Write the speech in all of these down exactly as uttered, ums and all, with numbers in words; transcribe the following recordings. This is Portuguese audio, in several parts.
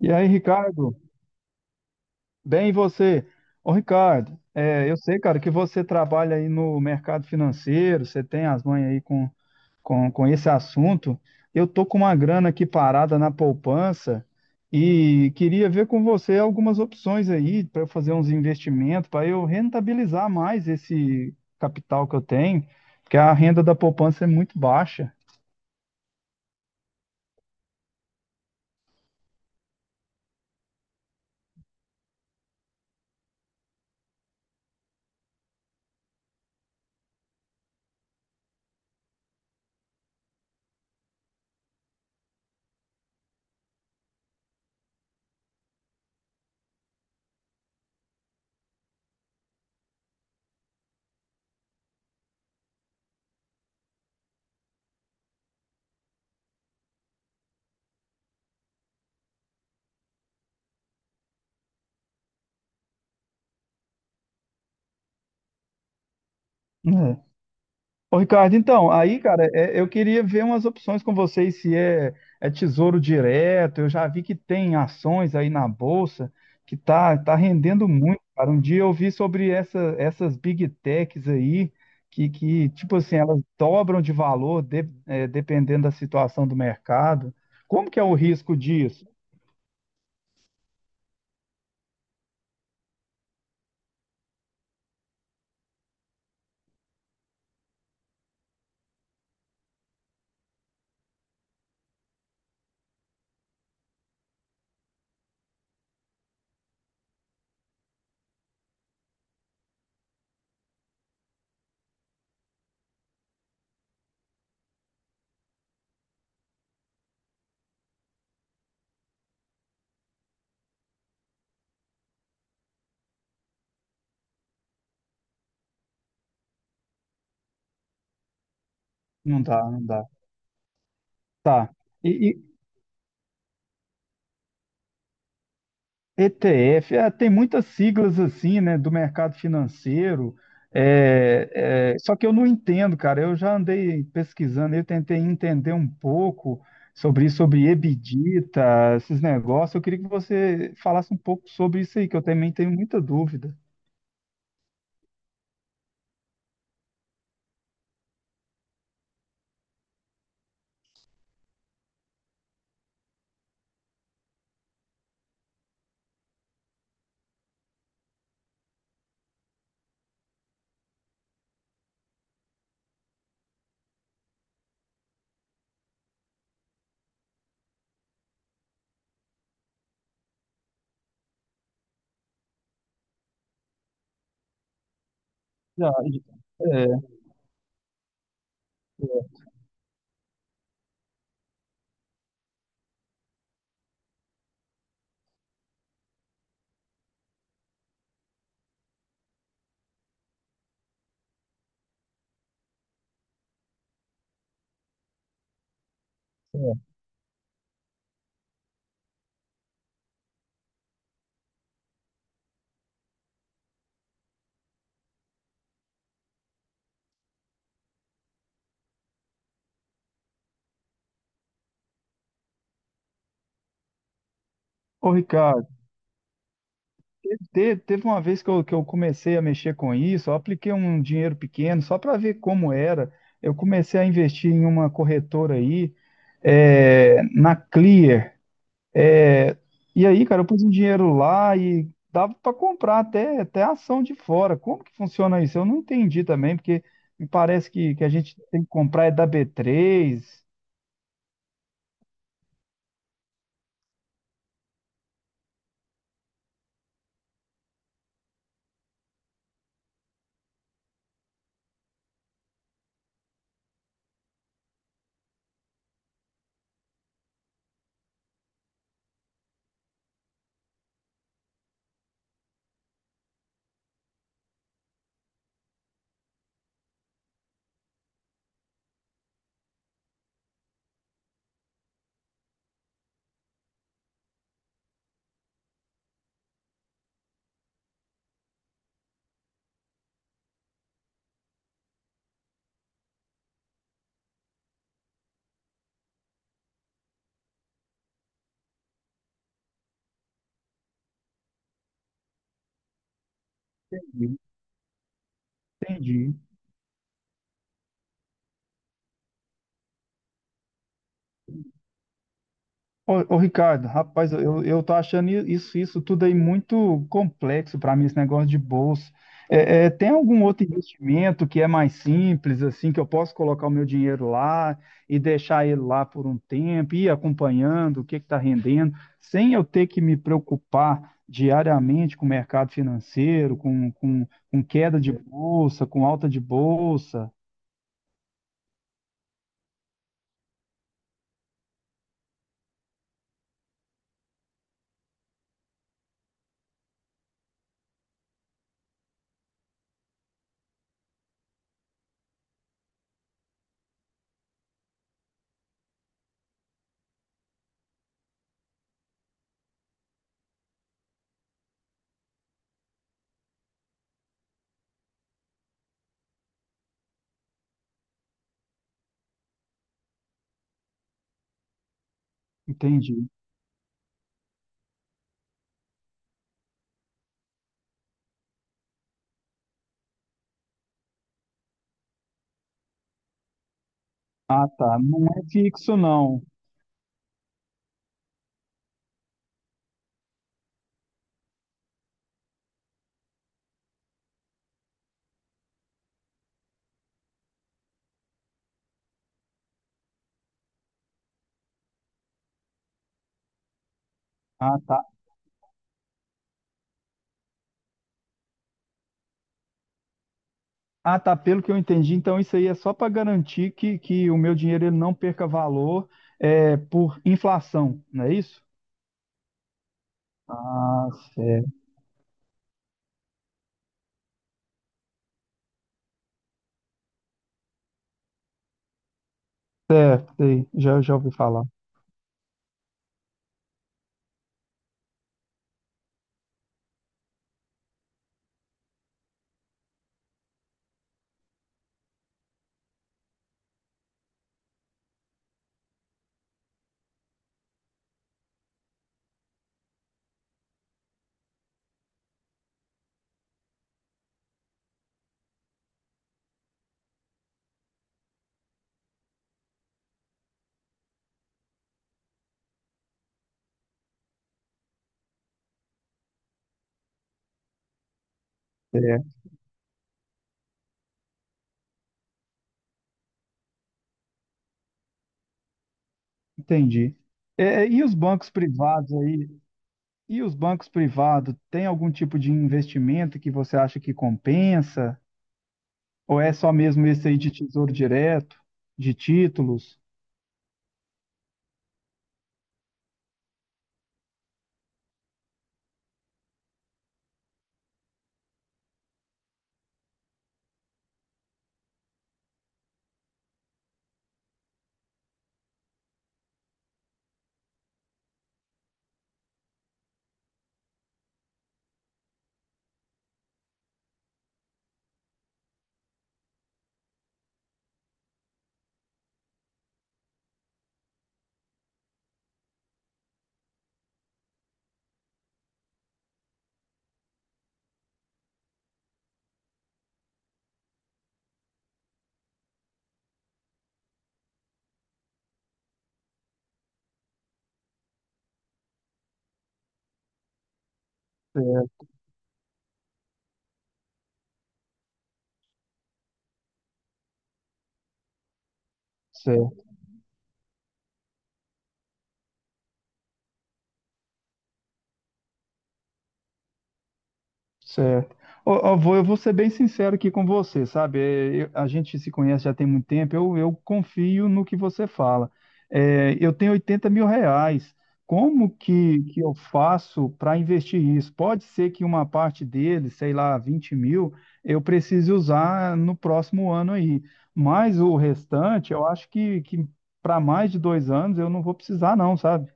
E aí, Ricardo? Bem, e você? Ô, Ricardo, é, eu sei, cara, que você trabalha aí no mercado financeiro, você tem as mães aí com, com, com esse assunto. Eu tô com uma grana aqui parada na poupança e queria ver com você algumas opções aí para eu fazer uns investimentos, para eu rentabilizar mais esse capital que eu tenho, porque a renda da poupança é muito baixa. Ô, Ricardo, então, aí, cara, é- eu queria ver umas opções com vocês, se é, é tesouro direto, eu já vi que tem ações aí na bolsa, que tá, tá rendendo muito, cara. Um dia eu vi sobre essa- essas big techs aí, que, que, tipo assim, elas dobram de valor de- é, dependendo da situação do mercado. Como que é o risco disso? Não dá, não dá. Tá. E, ETF, é, tem muitas siglas assim, né, do mercado financeiro, é, é, só que eu não entendo, cara. Eu já andei pesquisando, eu tentei entender um pouco sobre isso, sobre EBITDA, esses negócios. Eu queria que você falasse um pouco sobre isso aí, que eu também tenho muita dúvida. Já, é, é. Ô, Ricardo. Te- Teve uma vez que eu, que eu comecei a mexer com isso, eu apliquei um dinheiro pequeno só para ver como era. Eu comecei a investir em uma corretora aí, é, na Clear. é, e aí, cara, eu pus um dinheiro lá e dava para comprar até, até ação de fora. Como que funciona isso? Eu não entendi também, porque me parece que, que a gente tem que comprar é da B três. Entendi. Ô, ô, Ricardo, rapaz, eu, eu tô achando i- isso, isso tudo aí muito complexo para mim, esse negócio de bolsa. É, é, tem algum outro investimento que é mais simples, assim, que eu posso colocar o meu dinheiro lá e deixar ele lá por um tempo, ir acompanhando o que está rendendo, sem eu ter que me preocupar diariamente com o mercado financeiro, com, com, com queda de bolsa, com alta de bolsa? Entendi. Ah, tá. Não é fixo, não. Ah, tá. Ah, tá. Pelo que eu entendi, então isso aí é só para garantir que, que o meu dinheiro ele não perca valor, é, por inflação, não é isso? Ah, certo. Sei, Já, já ouvi falar. É, entendi. É, e os bancos privados aí? E os bancos privados, tem algum tipo de investimento que você acha que compensa? Ou é só mesmo esse aí de tesouro direto, de títulos? Certo. Certo. Ô, ô, vô, eu vou ser bem sincero aqui com você, sabe? É, eu- a gente se conhece já tem muito tempo, eu, eu confio no que você fala. É, eu tenho oitenta mil reais. Como que, que eu faço para investir isso? Pode ser que uma parte dele, sei lá, vinte mil, eu precise usar no próximo ano aí. Mas o restante, eu acho que, que para mais de dois anos eu não vou precisar, não, sabe?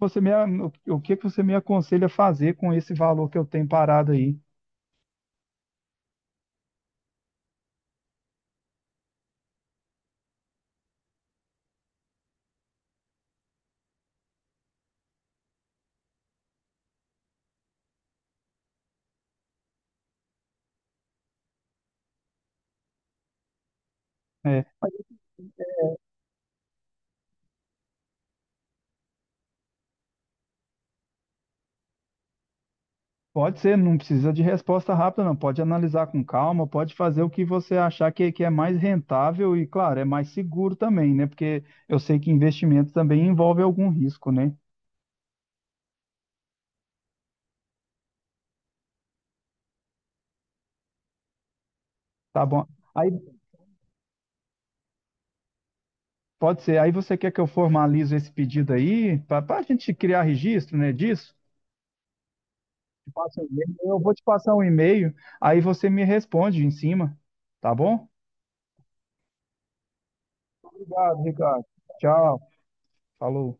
Você me, a- o que que você me aconselha a fazer com esse valor que eu tenho parado aí? É, pode ser, não precisa de resposta rápida, não. Pode analisar com calma, pode fazer o que você achar que, que é mais rentável e, claro, é mais seguro também, né? Porque eu sei que investimento também envolve algum risco, né? Tá bom. Aí pode ser. Aí você quer que eu formalizo esse pedido aí, para a gente criar registro, né, disso? Te passo um e-mail, Eu vou te passar um e-mail, aí você me responde em cima, tá bom? Obrigado, Ricardo. Tchau. Falou.